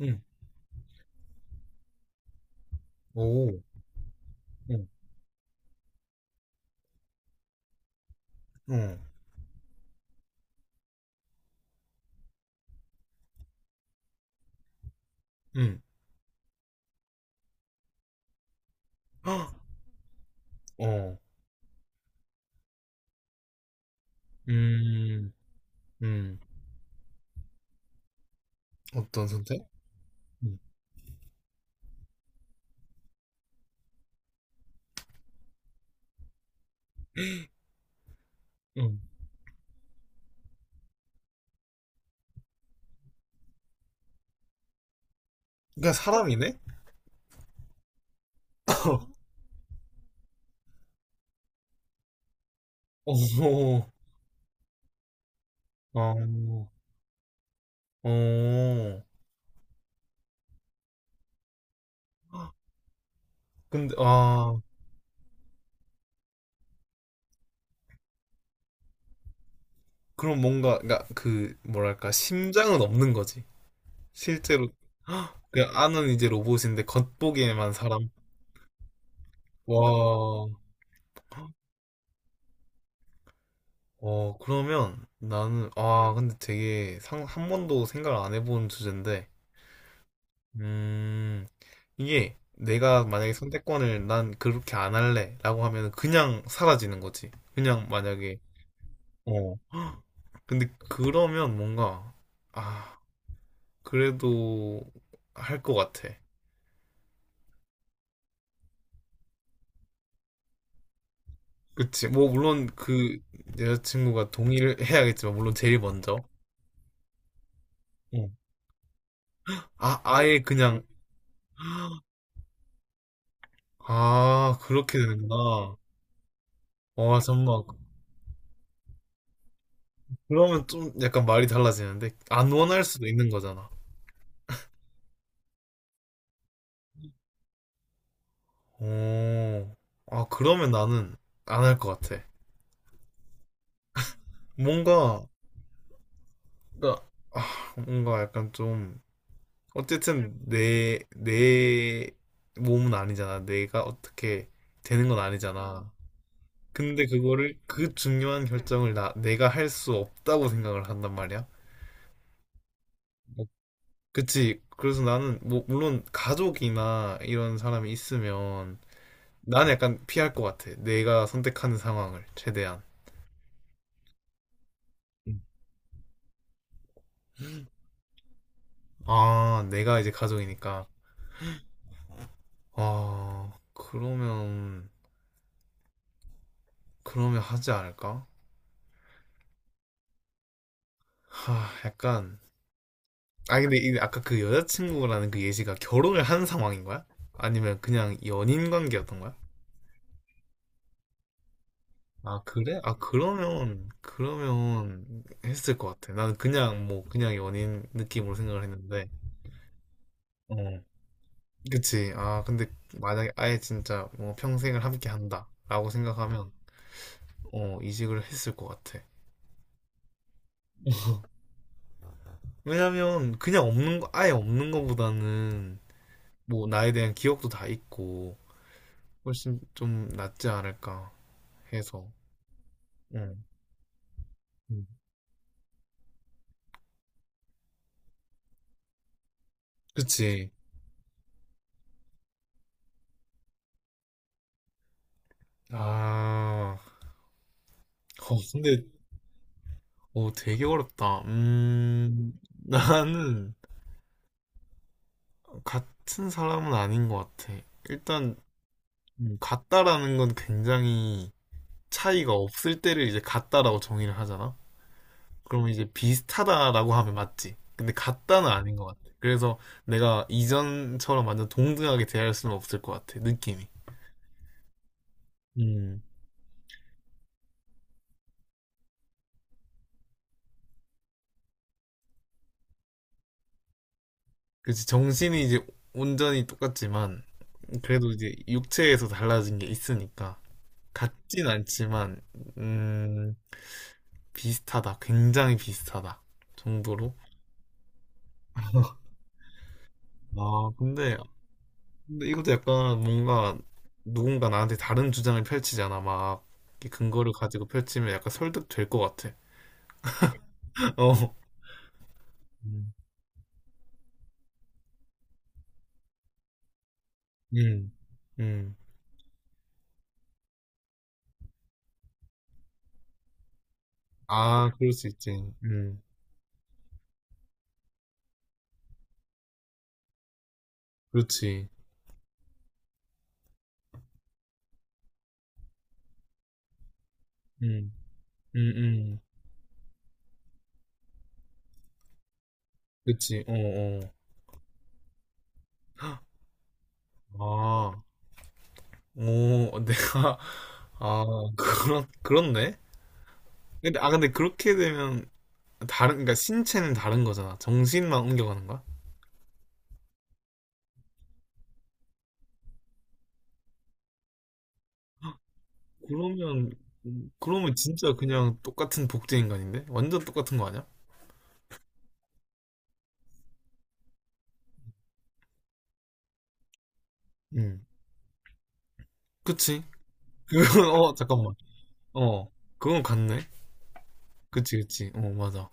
응. 오. 응. 어. 응. 헉! 어. 음. 음. 어떤 선택? 응. 응. 그러니까 사람이네? 어. 어. 어. 근데 아, 그럼 뭔가 그러니까 그 뭐랄까 심장은 없는 거지. 실제로 헉! 그냥 안은 이제 로봇인데 겉보기에만 사람. 와. 어, 그러면 나는 아, 근데 되게 상, 한 번도 생각을 안 해본 주제인데 음, 이게 내가 만약에 선택권을 난 그렇게 안 할래라고 하면 그냥 사라지는 거지. 그냥 만약에 어. 근데 그러면 뭔가 아, 그래도 할 것 같아. 그치. 뭐 물론 그 여자친구가 동의를 해야겠지만 물론 제일 먼저. 어. 아, 아예 그냥 아, 그렇게 되는구나. 와, 정말 그러면 좀 약간 말이 달라지는데 안 원할 수도 있는 거잖아. 오, 아, 그러면 나는 안 할 것 같아. 뭔가, 그러니까, 아, 뭔가 약간 좀, 어쨌든 내 몸은 아니잖아. 내가 어떻게 되는 건 아니잖아. 근데 그거를, 그 중요한 결정을 내가 할 수 없다고 생각을 한단 말이야. 뭐, 그치. 그래서 나는, 뭐, 물론 가족이나 이런 사람이 있으면, 나는 약간 피할 것 같아. 내가 선택하는 상황을, 최대한. 음. 아, 내가 이제 가족이니까. 아, 그러면 하지 않을까? 하, 약간. 아, 근데 이 아까 그 여자친구라는 그 예시가 결혼을 한 상황인 거야? 아니면 그냥 연인 관계였던 거야? 아, 그래? 아, 그러면 했을 것 같아. 나는 그냥 뭐, 그냥 연인 느낌으로 생각을 했는데. 어, 그치. 아, 근데 만약에 아예 진짜 뭐 평생을 함께 한다. 라고 생각하면, 어, 이직을 했을 것 같아. 왜냐면, 그냥 없는 거, 아예 없는 거보다는 뭐 나에 대한 기억도 다 있고 훨씬 좀 낫지 않을까 해서 응. 응. 그치 아 어, 근데 어 되게 어렵다 나는 같은 사람은 아닌 것 같아 일단 같다라는 건 굉장히 차이가 없을 때를 이제 같다라고 정의를 하잖아 그러면 이제 비슷하다라고 하면 맞지 근데 같다는 아닌 것 같아 그래서 내가 이전처럼 완전 동등하게 대할 수는 없을 것 같아 느낌이 음. 그치, 정신이 이제 온전히 똑같지만, 그래도 이제 육체에서 달라진 게 있으니까. 같진 않지만, 음, 비슷하다. 굉장히 비슷하다. 정도로. 아, 근데, 근데 이것도 약간 뭔가 누군가 나한테 다른 주장을 펼치잖아. 막, 이렇게 근거를 가지고 펼치면 약간 설득될 것 같아. 어. 음, 음. 음. 아, 그럴 수 있지. 음. 그렇지. 음. 음, 음. 그치. 어, 어. 아, 오, 내가, 아, 그런, 그렇네? 근데 그렇게 되면, 다른, 그러니까 신체는 다른 거잖아. 정신만 옮겨가는 거야? 그러면, 그러면 진짜 그냥 똑같은 복제 인간인데? 완전 똑같은 거 아니야? 응. 그치? 그건, 어, 잠깐만. 어, 그건 같네? 그치, 그치. 어, 맞아.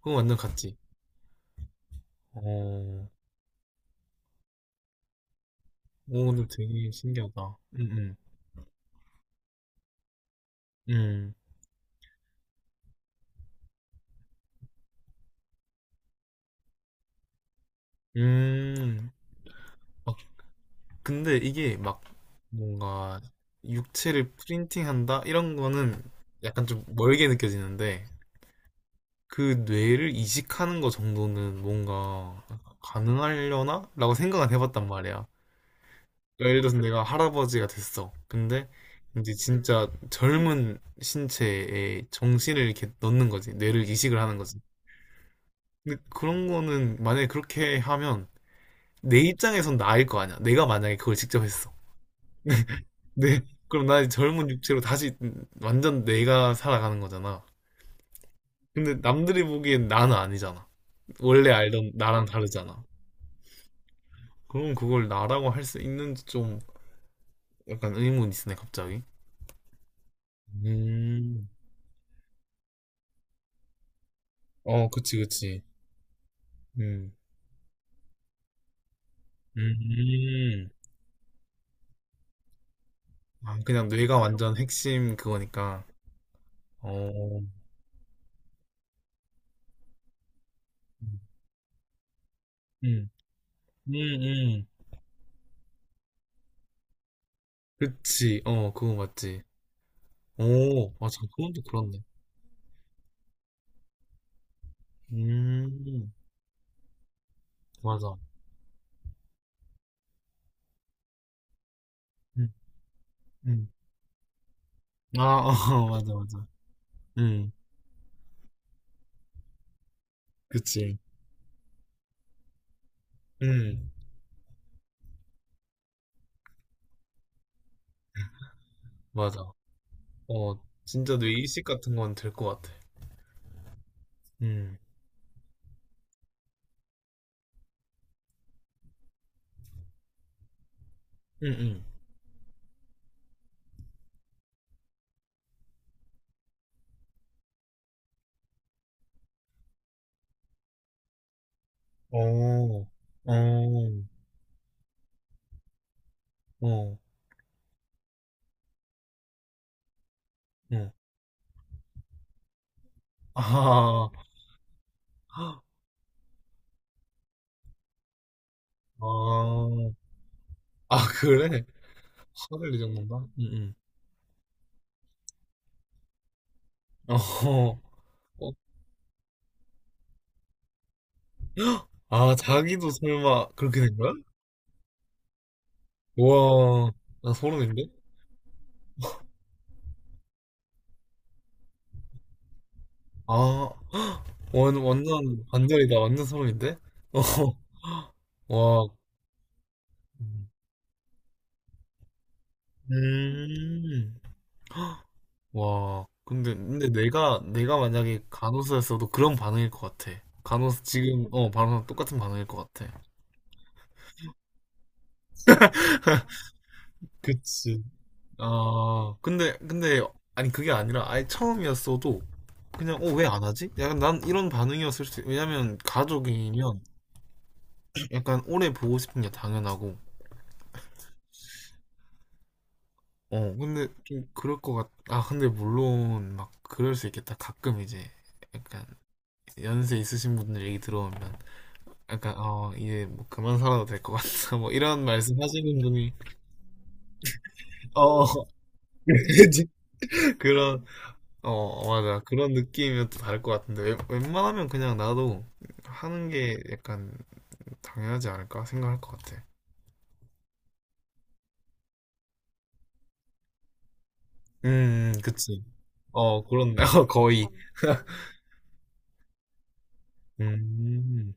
그건 완전 같지. 어, 오, 근데 되게 신기하다. 응, 응, 응, 음. 음. 근데 이게 막 뭔가 육체를 프린팅한다 이런 거는 약간 좀 멀게 느껴지는데 그 뇌를 이식하는 거 정도는 뭔가 가능하려나? 라고 생각은 해봤단 말이야. 그러니까 예를 들어서 내가 할아버지가 됐어. 근데 이제 진짜 젊은 신체에 정신을 이렇게 넣는 거지. 뇌를 이식을 하는 거지. 근데 그런 거는 만약에 그렇게 하면 내 입장에선 나일 거 아니야. 내가 만약에 그걸 직접 했어 네. 그럼 나 젊은 육체로 다시 완전 내가 살아가는 거잖아. 근데 남들이 보기엔 나는 아니잖아. 원래 알던 나랑 다르잖아. 그럼 그걸 나라고 할 수 있는지 좀 약간 의문이 있으네, 갑자기. 음. 어, 그치. 음. 음. 아, 그냥 뇌가 완전 핵심 그거니까. 어. 음. 음, 음. 그치. 어, 그거 맞지. 오, 맞아. 그건 또 그렇네. 음. 맞아. 음. 음. 아, 어, 맞아, 맞아. 응, 그치. 응, 맞아. 어, 진짜 뇌 이식 같은 건 될 것 같아. 응, 응, 응. 어, 오 어, 어. 아, 아, 아, 그래? 화를 이 정도인가? 응, 응. 어, 어. 아, 자기도 설마 그렇게 된 거야? 우와, 나 소름인데? 아, 완전 반전이다. 완전 소름인데? 어, 와. 음. 와, 근데 내가 만약에 간호사였어도 그런 반응일 것 같아. 간호사, 지금, 어, 간호사 똑같은 반응일 것 같아. 그치. 아, 근데, 아니, 그게 아니라 아예 처음이었어도 그냥, 어, 왜 안 하지? 약간 난 이런 반응이었을 수, 왜냐면 가족이면 약간 오래 보고 싶은 게 당연하고, 어, 근데 좀 그럴 것 같, 아, 근데 물론 막 그럴 수 있겠다. 가끔 이제 약간 연세 있으신 분들 얘기 들어보면 약간 어 이제 뭐 그만 살아도 될 것 같다 뭐 이런 말씀 하시는 분이 어 그런 어 어, 맞아 그런 느낌이면 또 다를 것 같은데 웬만하면 그냥 나도 하는 게 약간 당연하지 않을까 생각할 것 같아 그치 어 그렇네 어, 거의 음음어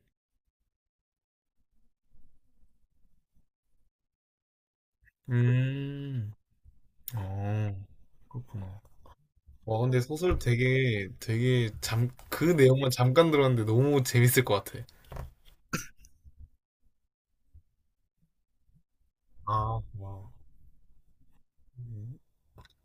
그렇구나 와 근데 소설 되게 되게 잠 그 내용만 잠깐 들었는데 너무 재밌을 것 같아 아 와. 음.